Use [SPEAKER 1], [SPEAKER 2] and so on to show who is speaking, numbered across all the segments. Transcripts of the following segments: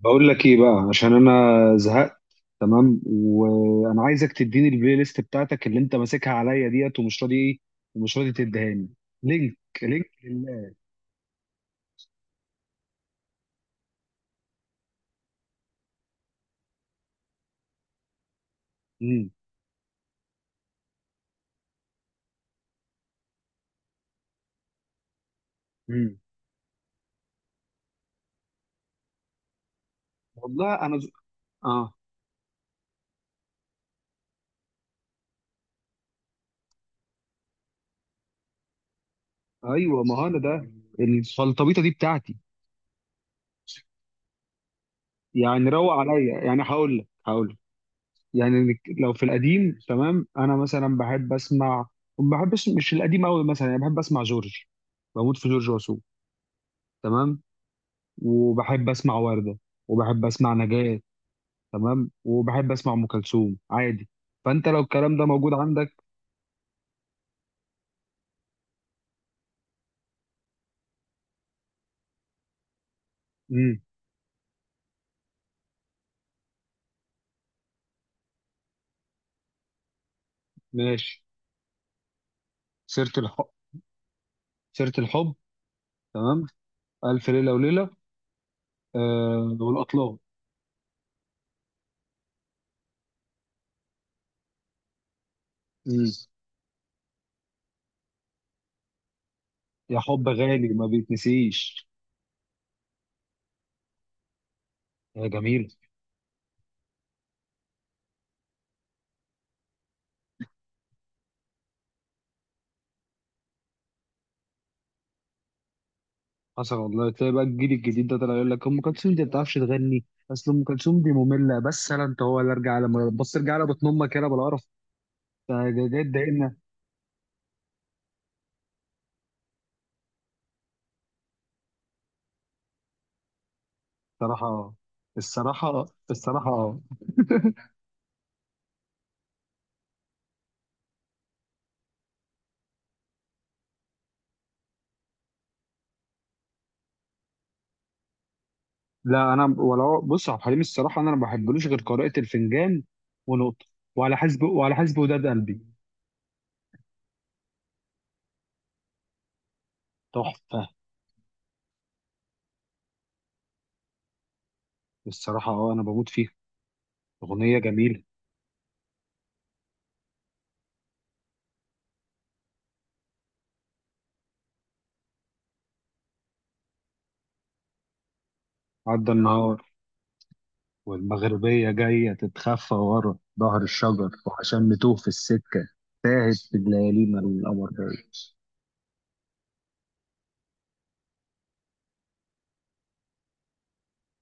[SPEAKER 1] بقول لك ايه بقى، عشان انا زهقت. تمام، وانا عايزك تديني البلاي ليست بتاعتك اللي انت ماسكها عليا ديت، ومش راضي تديهاني. لينك لله. امم. امم. والله انا اه. ايوه، ما هو انا ده الفلطبيطه دي بتاعتي، يعني روق عليا. يعني هقول لك. يعني لو في القديم، تمام. انا مثلا بحب اسمع، ما بحبش مش القديم قوي، مثلا يعني بحب اسمع جورج. بموت في جورج وسوف، تمام. وبحب اسمع ورده، وبحب اسمع نجاة، تمام. وبحب اسمع ام كلثوم عادي. فانت لو الكلام ده موجود عندك. امم. ماشي. سيره الحب. سيره الحب. تمام. الف ليله وليله. آه، والاطلال. مم. يا حب غالي ما بيتنسيش. يا جميل. حصل والله. تلاقي بقى الجيل الجديد ده طلع يقول لك ام كلثوم دي ما بتعرفش تغني، اصل ام كلثوم دي ممله. بس انا انت هو اللي ارجع على بص، ارجع على بطن امك يلا بالقرف. ده تضايقنا. صراحه الصراحه الصراحه. لا، انا ولو بص عبد الحليم الصراحه انا ما بحبلوش غير قراءه الفنجان ونقطه. وعلى حسب وداد قلبي. تحفه. الصراحه اه، انا بموت فيها. اغنيه جميله. عدى النهار. والمغربيه جايه تتخفى ورا ظهر الشجر، وعشان نتوه في السكه. تاهت في الليالينا القمر جاي.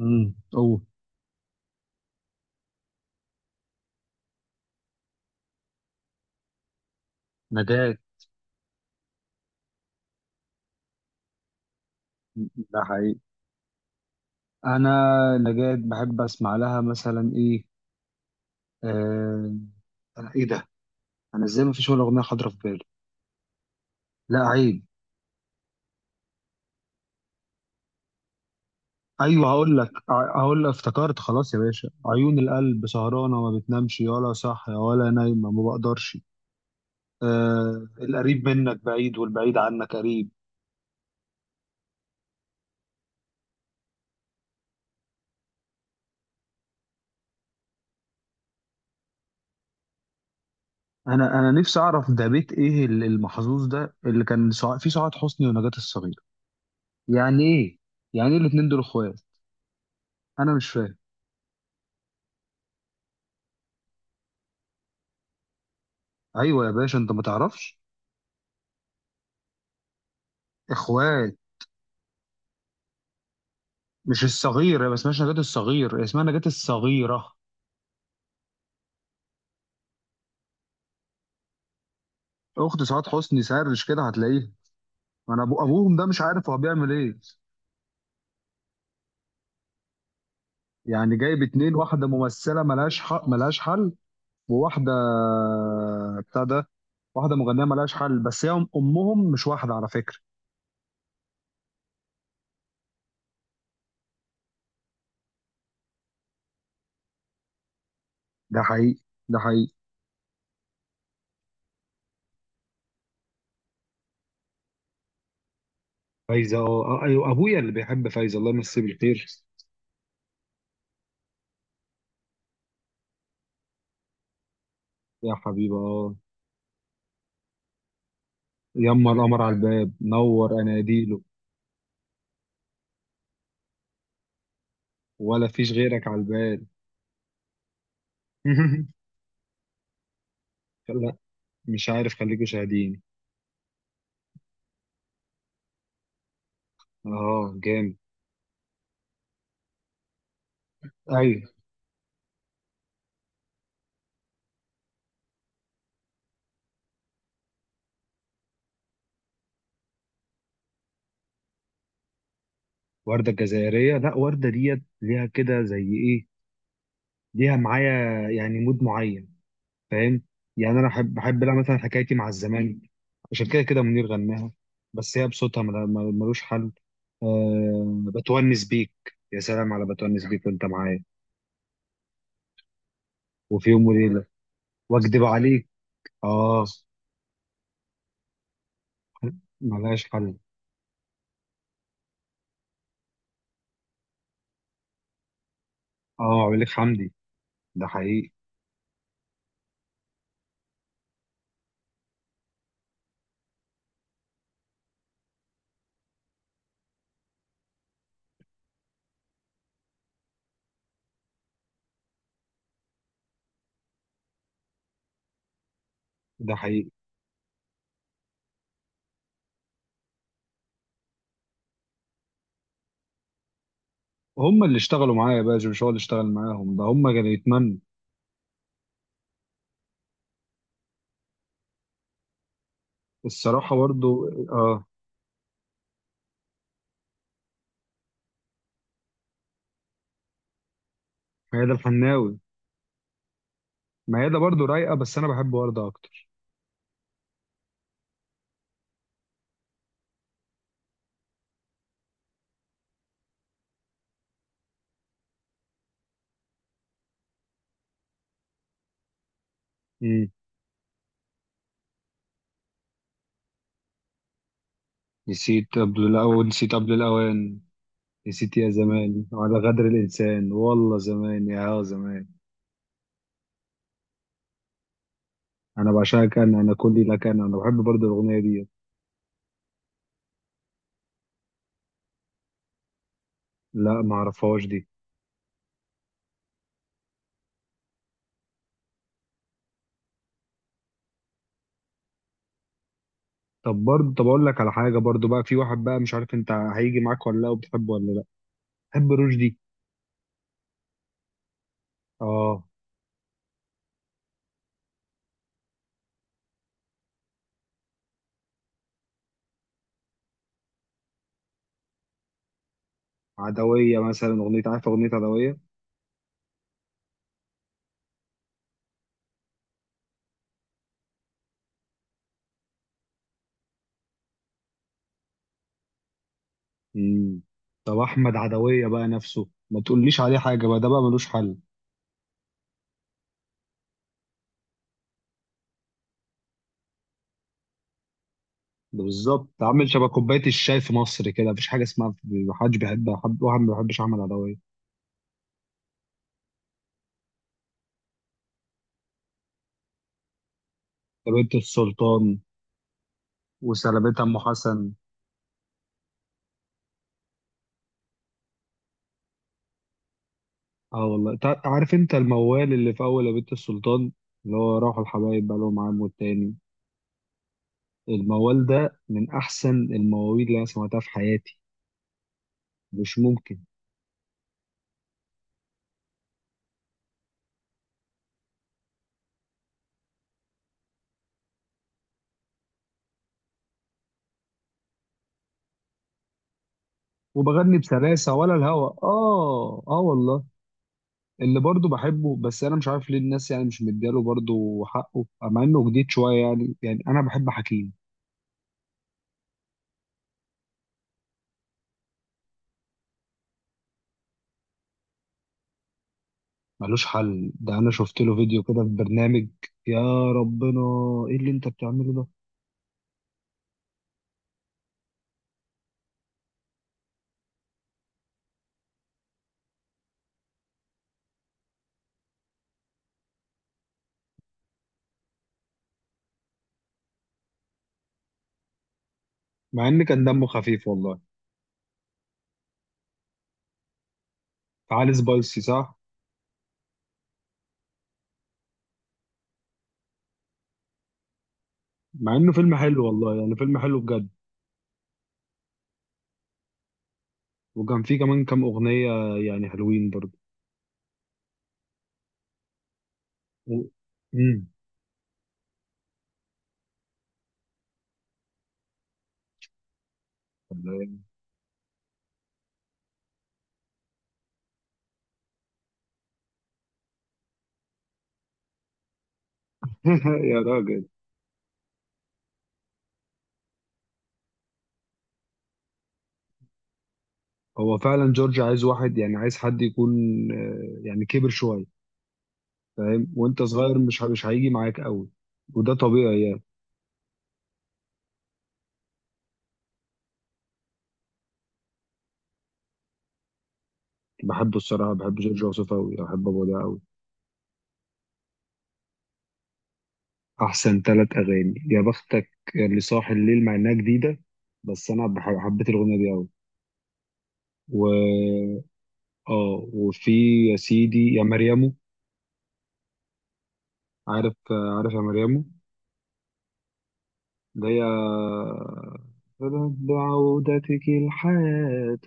[SPEAKER 1] امم. اوه. نجاة. ده حقيقي. انا نجاة بحب اسمع لها مثلا ايه؟ آه... انا ايه ده، انا ازاي ما فيش ولا اغنيه حاضره في بالي؟ لا عيب. ايوه، هقول لك افتكرت. خلاص يا باشا، عيون القلب سهرانه ما بتنامش، ولا صاحيه ولا نايمه، ما بقدرش. آه، القريب منك بعيد والبعيد عنك قريب. انا نفسي اعرف ده بيت ايه، المحظوظ ده اللي كان فيه سعاد حسني ونجاة الصغيره. يعني ايه؟ يعني ايه الاتنين دول اخوات؟ انا مش فاهم. ايوه يا باشا، انت ما تعرفش؟ اخوات. مش الصغير، هي ما اسمهاش نجاة الصغير، هي اسمها نجاة الصغيره، اخت سعاد حسني. سرش كده هتلاقيها. انا ابوهم ده مش عارف هو بيعمل ايه. يعني جايب اتنين، واحدة ممثلة ملهاش حق، ملهاش حل. وواحدة بتاع ده، واحدة مغنية ملهاش حل، بس هي أمهم مش واحدة على فكرة. ده حقيقي. ده حقيقي. فايزه اه، ايوه، ابويا اللي بيحب فايزه، الله يمسيه بالخير. يا حبيبي اه. يما القمر على الباب نور اناديله. ولا فيش غيرك على الباب. لا. مش عارف، خليكوا شاهدين. اه جامد. ايوه. ورده الجزائريه، لا، ورده ديت ليها كده زي ايه، ليها معايا يعني مود معين، فاهم؟ يعني انا بحب لها مثلا حكايتي مع الزمالك. عشان كده كده منير غناها، بس هي بصوتها ملوش حل. أه بتونس بيك. يا سلام على بتونس بيك وانت معايا. وفي يوم وليله. واكدب عليك. اه. ملهاش حل. اه عمرو حمدي. ده حقيقي ده حقيقي. هم اللي اشتغلوا معايا يا باشا، مش هو اللي اشتغل معاهم، ده هم كانوا يتمنوا. الصراحه برضو اه. ميادة الحناوي. ميادة برضو رايقه، بس انا بحب وردة اكتر. نسيت قبل الأوان، نسيت قبل الأوان، نسيت يا زمان، وعلى غدر الإنسان، والله زمان يا زمان. أنا بعشقك، أنا، أنا كلي لك، أنا. أنا بحب برضه الأغنية دي. لا، ما أعرفهاش دي. طب برضه، طب أقول لك على حاجة برضه بقى، في واحد بقى مش عارف أنت هيجي معاك ولا لا، وبتحبه ولا لا. بحب رشدي. آه. عدوية مثلا، أغنية عارف أغنية عدوية؟ مم. طب أحمد عدوية بقى نفسه ما تقوليش عليه حاجة بقى، ده بقى ملوش حل. ده بالظبط عامل شبه كوبايه الشاي في مصر كده، مفيش حاجه اسمها محدش بيحبها، حد واحد ما بيحبش احمد عدويه. ده بنت السلطان. وسلامتها ام حسن. اه والله. عارف انت الموال اللي في اول يا بنت السلطان، اللي هو راحوا الحبايب بقى لهم عام والتاني؟ الموال ده من احسن المواويل اللي انا سمعتها في حياتي. مش ممكن. وبغني بسلاسه ولا الهوى. اه اه والله. اللي برضه بحبه بس انا مش عارف ليه الناس يعني مش مدياله برضه حقه، مع انه جديد شويه، يعني انا بحب حكيم. ملوش حل. ده انا شفت له فيديو كده في برنامج، يا ربنا، ايه اللي انت بتعمله ده. مع ان كان دمه خفيف والله. تعالى سبايسي صح. مع انه فيلم حلو والله، يعني فيلم حلو بجد. وكان فيه كمان كام اغنية يعني حلوين برضه. و... مم. يا راجل. هو فعلا جورج عايز واحد، يعني عايز حد يكون يعني كبر شوية، فاهم؟ وانت صغير، مش هيجي معاك قوي. وده طبيعي يعني. بحبه الصراحة، بحب جورج وسوف قوي، بحب ابوه ده قوي. أحسن ثلاث أغاني يا بختك. اللي صاحي الليل، مع إنها جديدة، بس أنا حبيت الأغنية دي أوي. و آه وفي يا سيدي يا مريمو. عارف؟ عارف يا مريمو؟ ده يا بعودتك الحياة،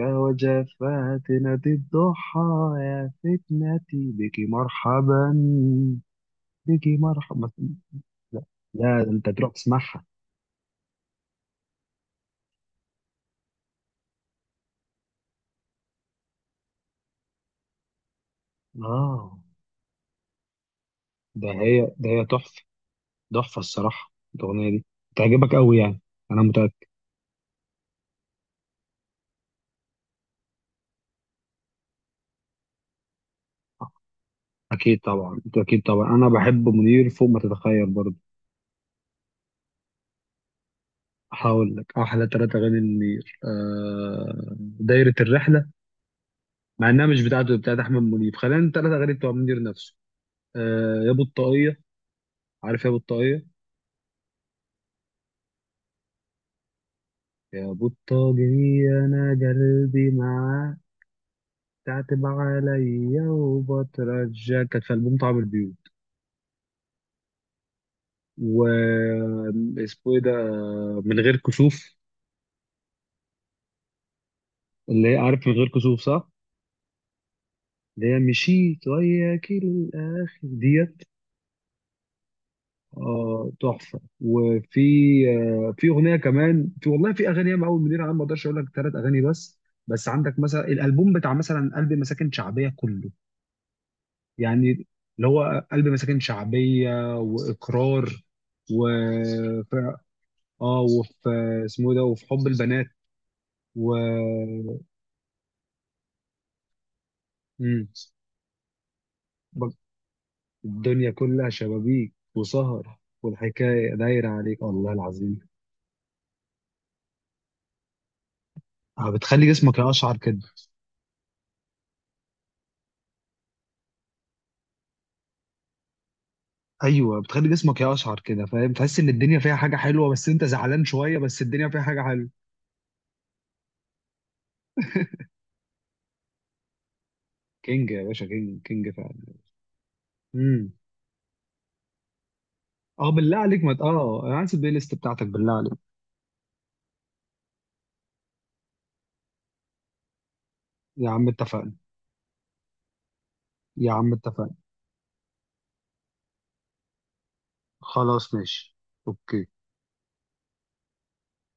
[SPEAKER 1] يا وجفاتنا دي الضحى، يا فتنتي بك مرحبا، بك مرحبا. لا. لا، ده أنت تروح تسمعها. آه. ده هي تحفة، تحفة الصراحة الأغنية دي. تعجبك أوي يعني، أنا متأكد. أكيد طبعا، أكيد طبعا، أنا بحب منير فوق ما تتخيل برضه. هقول لك أحلى تلاتة أغاني لمنير. دايرة الرحلة، مع إنها مش بتاعته، بتاعت أحمد منير. خلينا التلاتة أغاني بتوع منير نفسه. آه يا بطاقية. عارف يا بطاقية؟ يا بطاقية أنا قلبي معاك، تعتب عليا وبترجاك، كانت في ألبوم طعم البيوت. و اسمه ايه ده، من غير كسوف. اللي هي عارف من غير كسوف صح؟ اللي هي مشيت وياك للآخر ديت. اه تحفة. وفي آه في أغنية كمان، في والله، في أغاني ياما أوي منير. أنا ما أقدرش أقول لك ثلاث أغاني بس. بس عندك مثلا الألبوم بتاع مثلا قلب مساكن شعبية كله، يعني اللي هو قلب مساكن شعبية، وإقرار، و ف- اه، وفي اسمه إيه ده، وفي حب البنات. و مم. الدنيا كلها شبابيك وسهر، والحكاية دايرة عليك، والله العظيم. بتخلي جسمك يقشعر كده. ايوه، بتخلي جسمك يقشعر كده، فاهم؟ تحس ان الدنيا فيها حاجه حلوه، بس انت زعلان شويه، بس الدنيا فيها حاجه حلوه. كينج يا باشا، كينج كينج فعلا. امم. اه، بالله عليك، ما ت- اه انا عايز البلاي ليست بتاعتك بالله عليك. يا عم اتفقنا. يا عم اتفقنا. خلاص ماشي. اوكي.